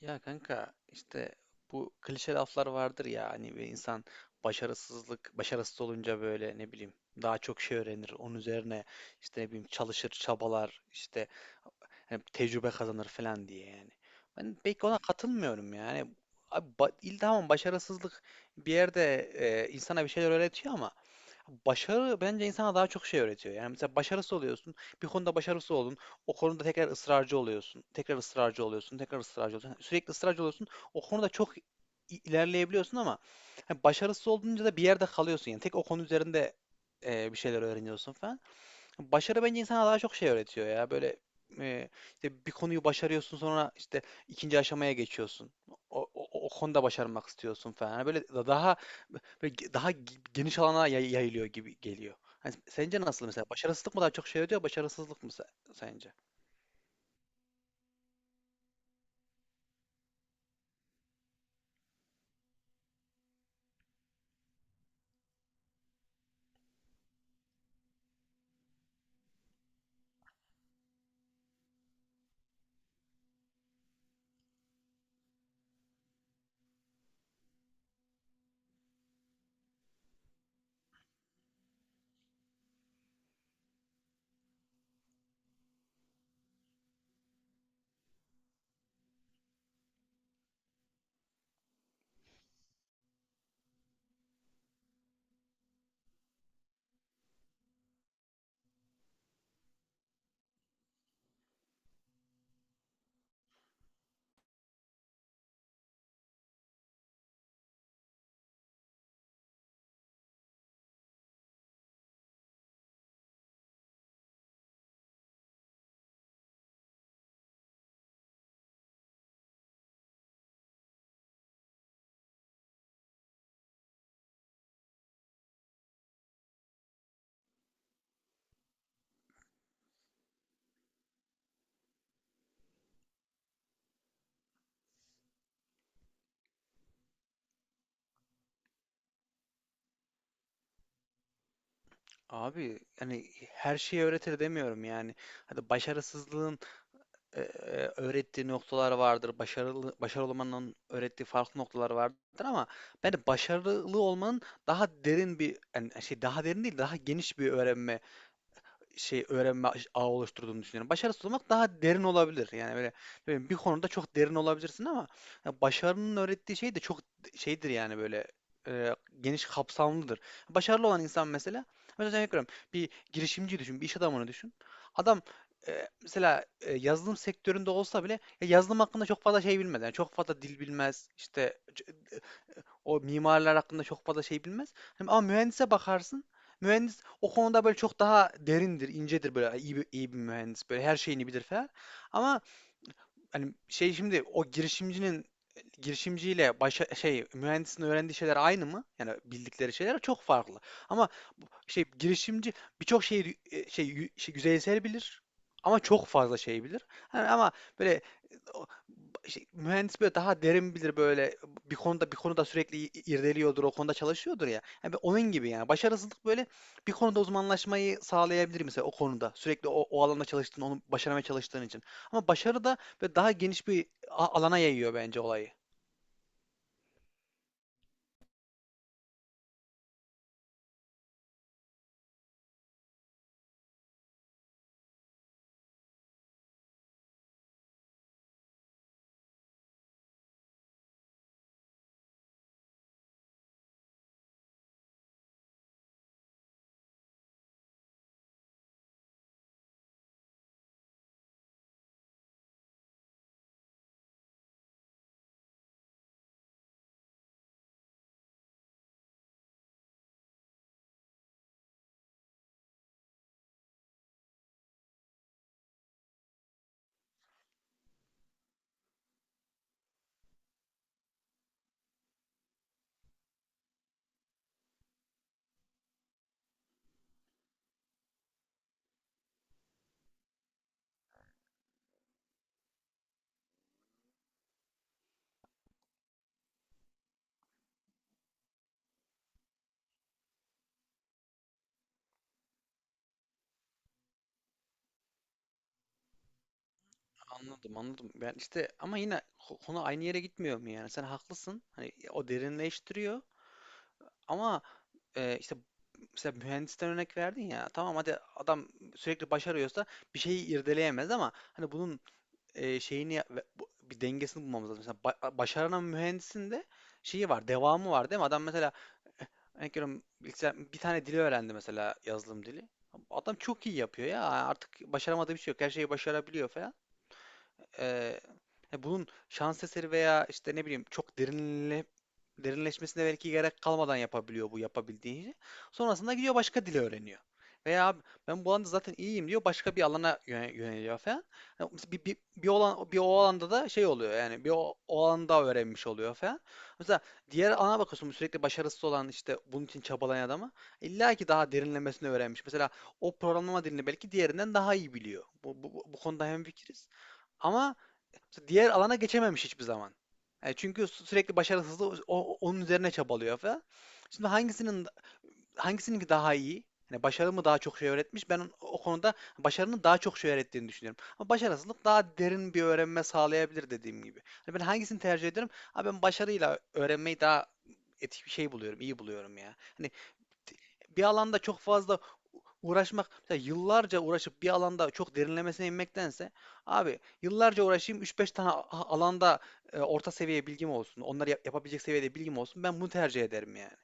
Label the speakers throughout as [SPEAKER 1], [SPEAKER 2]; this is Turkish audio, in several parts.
[SPEAKER 1] Ya kanka işte bu klişe laflar vardır ya hani bir insan başarısız olunca böyle ne bileyim daha çok şey öğrenir onun üzerine. İşte ne bileyim çalışır çabalar işte hani tecrübe kazanır falan diye yani. Ben pek ona katılmıyorum yani. Abi tamam, başarısızlık bir yerde, insana bir şeyler öğretiyor ama başarı bence insana daha çok şey öğretiyor. Yani mesela başarısız oluyorsun, bir konuda başarısız oldun, o konuda tekrar ısrarcı oluyorsun, tekrar ısrarcı oluyorsun, tekrar ısrarcı oluyorsun. Yani sürekli ısrarcı oluyorsun, o konuda çok ilerleyebiliyorsun ama hani başarısız olduğunca da bir yerde kalıyorsun. Yani tek o konu üzerinde bir şeyler öğreniyorsun falan. Başarı bence insana daha çok şey öğretiyor ya. Böyle, e, işte bir konuyu başarıyorsun, sonra işte ikinci aşamaya geçiyorsun. O konuda başarmak istiyorsun falan. Hani böyle daha böyle daha geniş alana yayılıyor gibi geliyor. Hani sence nasıl mesela? Başarısızlık mı daha çok şey öğretiyor, başarısızlık mı sence? Abi hani her şeyi öğretir demiyorum yani. Hadi başarısızlığın öğrettiği noktalar vardır. Başarılı başarılı olmanın öğrettiği farklı noktalar vardır ama ben başarılı olmanın daha derin bir yani şey, daha derin değil, daha geniş bir öğrenme şey, öğrenme ağı oluşturduğunu düşünüyorum. Başarısız olmak daha derin olabilir. Yani böyle böyle bir konuda çok derin olabilirsin ama ya başarının öğrettiği şey de çok şeydir yani böyle, geniş kapsamlıdır. Başarılı olan insan mesela, mesela örnek bir girişimci düşün, bir iş adamını düşün. Adam mesela yazılım sektöründe olsa bile ya yazılım hakkında çok fazla şey bilmez. Yani çok fazla dil bilmez, işte o mimarlar hakkında çok fazla şey bilmez. Hani ama mühendise bakarsın. Mühendis o konuda böyle çok daha derindir, incedir, böyle iyi bir, iyi bir mühendis. Böyle her şeyini bilir falan. Ama hani şey, şimdi o girişimcinin girişimciyle başa, şey mühendisin öğrendiği şeyler aynı mı? Yani bildikleri şeyler çok farklı. Ama şey, girişimci birçok şeyi şey, şey, yüzeysel bilir ama çok fazla şey bilir. Hani ama böyle o- şey, mühendis böyle daha derin bilir, böyle bir konuda sürekli irdeliyordur, o konuda çalışıyordur ya. Yani ben onun gibi yani başarısızlık böyle bir konuda uzmanlaşmayı sağlayabilir mesela o konuda. Sürekli o alanda çalıştığın, onu başarmaya çalıştığın için. Ama başarı da böyle daha geniş bir alana yayıyor bence olayı. Anladım anladım. Ben işte ama yine konu aynı yere gitmiyor mu yani? Sen haklısın. Hani o derinleştiriyor ama işte mesela mühendisten örnek verdin ya. Tamam, hadi adam sürekli başarıyorsa bir şeyi irdeleyemez, ama hani bunun şeyini ve bir dengesini bulmamız lazım. Mesela başaran mühendisin de şeyi var, devamı var değil mi? Adam mesela, örnek veriyorum, bir tane dili öğrendi, mesela yazılım dili. Adam çok iyi yapıyor ya. Artık başaramadığı bir şey yok. Her şeyi başarabiliyor falan. Eee, bunun şans eseri veya işte ne bileyim çok derinleşmesine belki gerek kalmadan yapabiliyor bu yapabildiğini. Sonrasında gidiyor başka dili öğreniyor. Veya abi ben bu alanda zaten iyiyim diyor, başka bir alana yöneliyor falan. Yani mesela bir o alanda da şey oluyor yani o alanda öğrenmiş oluyor falan. Mesela diğer alana bakıyorsun, sürekli başarısız olan işte bunun için çabalayan adama, illa ki daha derinlemesine öğrenmiş. Mesela o programlama dilini belki diğerinden daha iyi biliyor. Bu konuda hemfikiriz. Ama işte diğer alana geçememiş hiçbir zaman. Yani çünkü sürekli başarısızlığı onun üzerine çabalıyor falan. Şimdi hangisininki daha iyi? Yani başarı mı daha çok şey öğretmiş? Ben o konuda başarının daha çok şey öğrettiğini düşünüyorum. Ama başarısızlık daha derin bir öğrenme sağlayabilir dediğim gibi. Hani ben hangisini tercih ederim? Abi ben başarıyla öğrenmeyi daha etik bir şey buluyorum, iyi buluyorum ya. Hani bir alanda çok fazla uğraşmak, mesela yıllarca uğraşıp bir alanda çok derinlemesine inmektense, abi yıllarca uğraşayım üç beş tane alanda orta seviye bilgim olsun. Onları yapabilecek seviyede bilgim olsun. Ben bunu tercih ederim yani.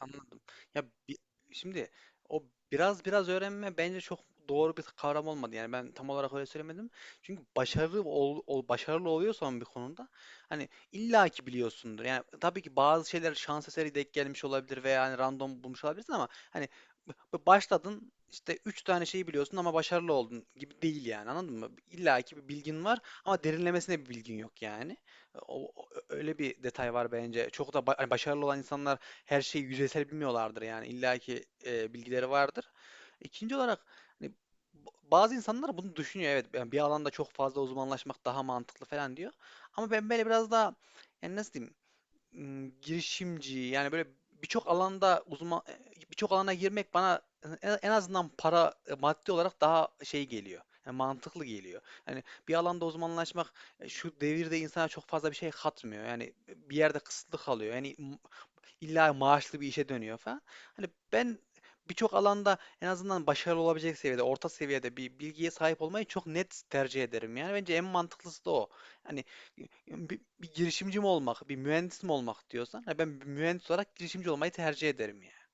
[SPEAKER 1] Anladım. Ya bi- şimdi o biraz biraz öğrenme bence çok doğru bir kavram olmadı. Yani ben tam olarak öyle söylemedim. Çünkü başarılı başarılı oluyorsan bir konuda hani illaki biliyorsundur. Yani tabii ki bazı şeyler şans eseri denk gelmiş olabilir veya hani random bulmuş olabilirsin, ama hani başladın işte 3 tane şeyi biliyorsun ama başarılı oldun gibi değil yani, anladın mı? İllaki bir bilgin var ama derinlemesine bir bilgin yok yani. Öyle bir detay var bence. Çok da hani başarılı olan insanlar her şeyi yüzeysel bilmiyorlardır yani illaki bilgileri vardır. İkinci olarak hani bazı insanlar bunu düşünüyor, evet ben bir alanda çok fazla uzmanlaşmak daha mantıklı falan diyor. Ama ben böyle biraz daha, yani nasıl diyeyim, girişimci yani böyle birçok alanda uzman birçok alana girmek bana en en azından para, maddi olarak daha şey geliyor. Yani mantıklı geliyor. Yani bir alanda uzmanlaşmak şu devirde insana çok fazla bir şey katmıyor. Yani bir yerde kısıtlı kalıyor. Yani illa maaşlı bir işe dönüyor falan. Hani ben birçok alanda en azından başarılı olabilecek seviyede, orta seviyede bir bilgiye sahip olmayı çok net tercih ederim. Yani bence en mantıklısı da o. Hani bir girişimci mi olmak, bir mühendis mi olmak diyorsan, ha ben bir mühendis olarak girişimci olmayı tercih ederim yani.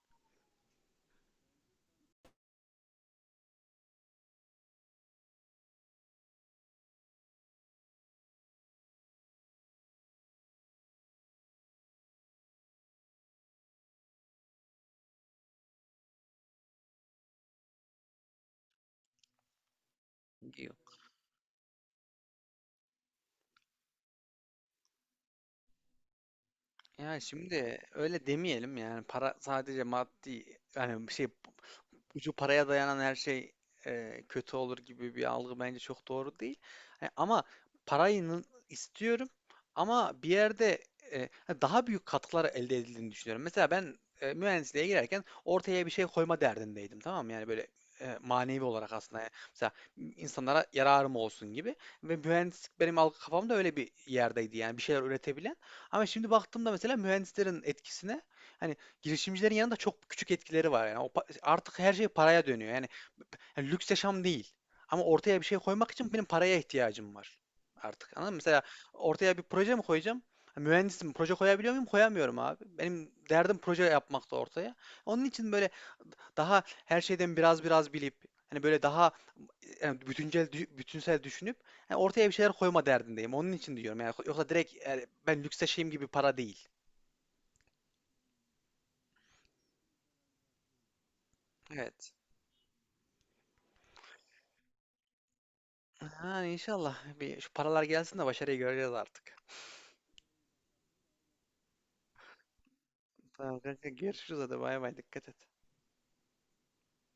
[SPEAKER 1] Yani şimdi öyle demeyelim yani, para sadece maddi yani şey, ucu paraya dayanan her şey kötü olur gibi bir algı bence çok doğru değil. E, ama parayı istiyorum, ama bir yerde e, daha büyük katkılar elde edildiğini düşünüyorum. Mesela ben mühendisliğe girerken ortaya bir şey koyma derdindeydim, tamam mı? Yani böyle manevi olarak aslında. Yani mesela insanlara yararım olsun gibi. Ve mühendislik benim algı kafamda öyle bir yerdeydi yani, bir şeyler üretebilen. Ama şimdi baktığımda mesela mühendislerin etkisine, hani girişimcilerin yanında çok küçük etkileri var. Yani o artık her şey paraya dönüyor. Yani lüks yaşam değil. Ama ortaya bir şey koymak için benim paraya ihtiyacım var artık. Anladın mı? Mesela ortaya bir proje mi koyacağım? Ha, mühendisim, proje koyabiliyor muyum? Koyamıyorum abi. Benim derdim proje yapmakta ortaya. Onun için böyle daha her şeyden biraz biraz bilip hani böyle daha yani bütünsel düşünüp yani ortaya bir şeyler koyma derdindeyim. Onun için diyorum yani, yoksa direkt yani ben lüks yaşayayım gibi para değil. Evet. Ha, inşallah. Bir şu paralar gelsin de başarıyı göreceğiz artık. Tamam kanka, görüşürüz, hadi bay bay, dikkat et.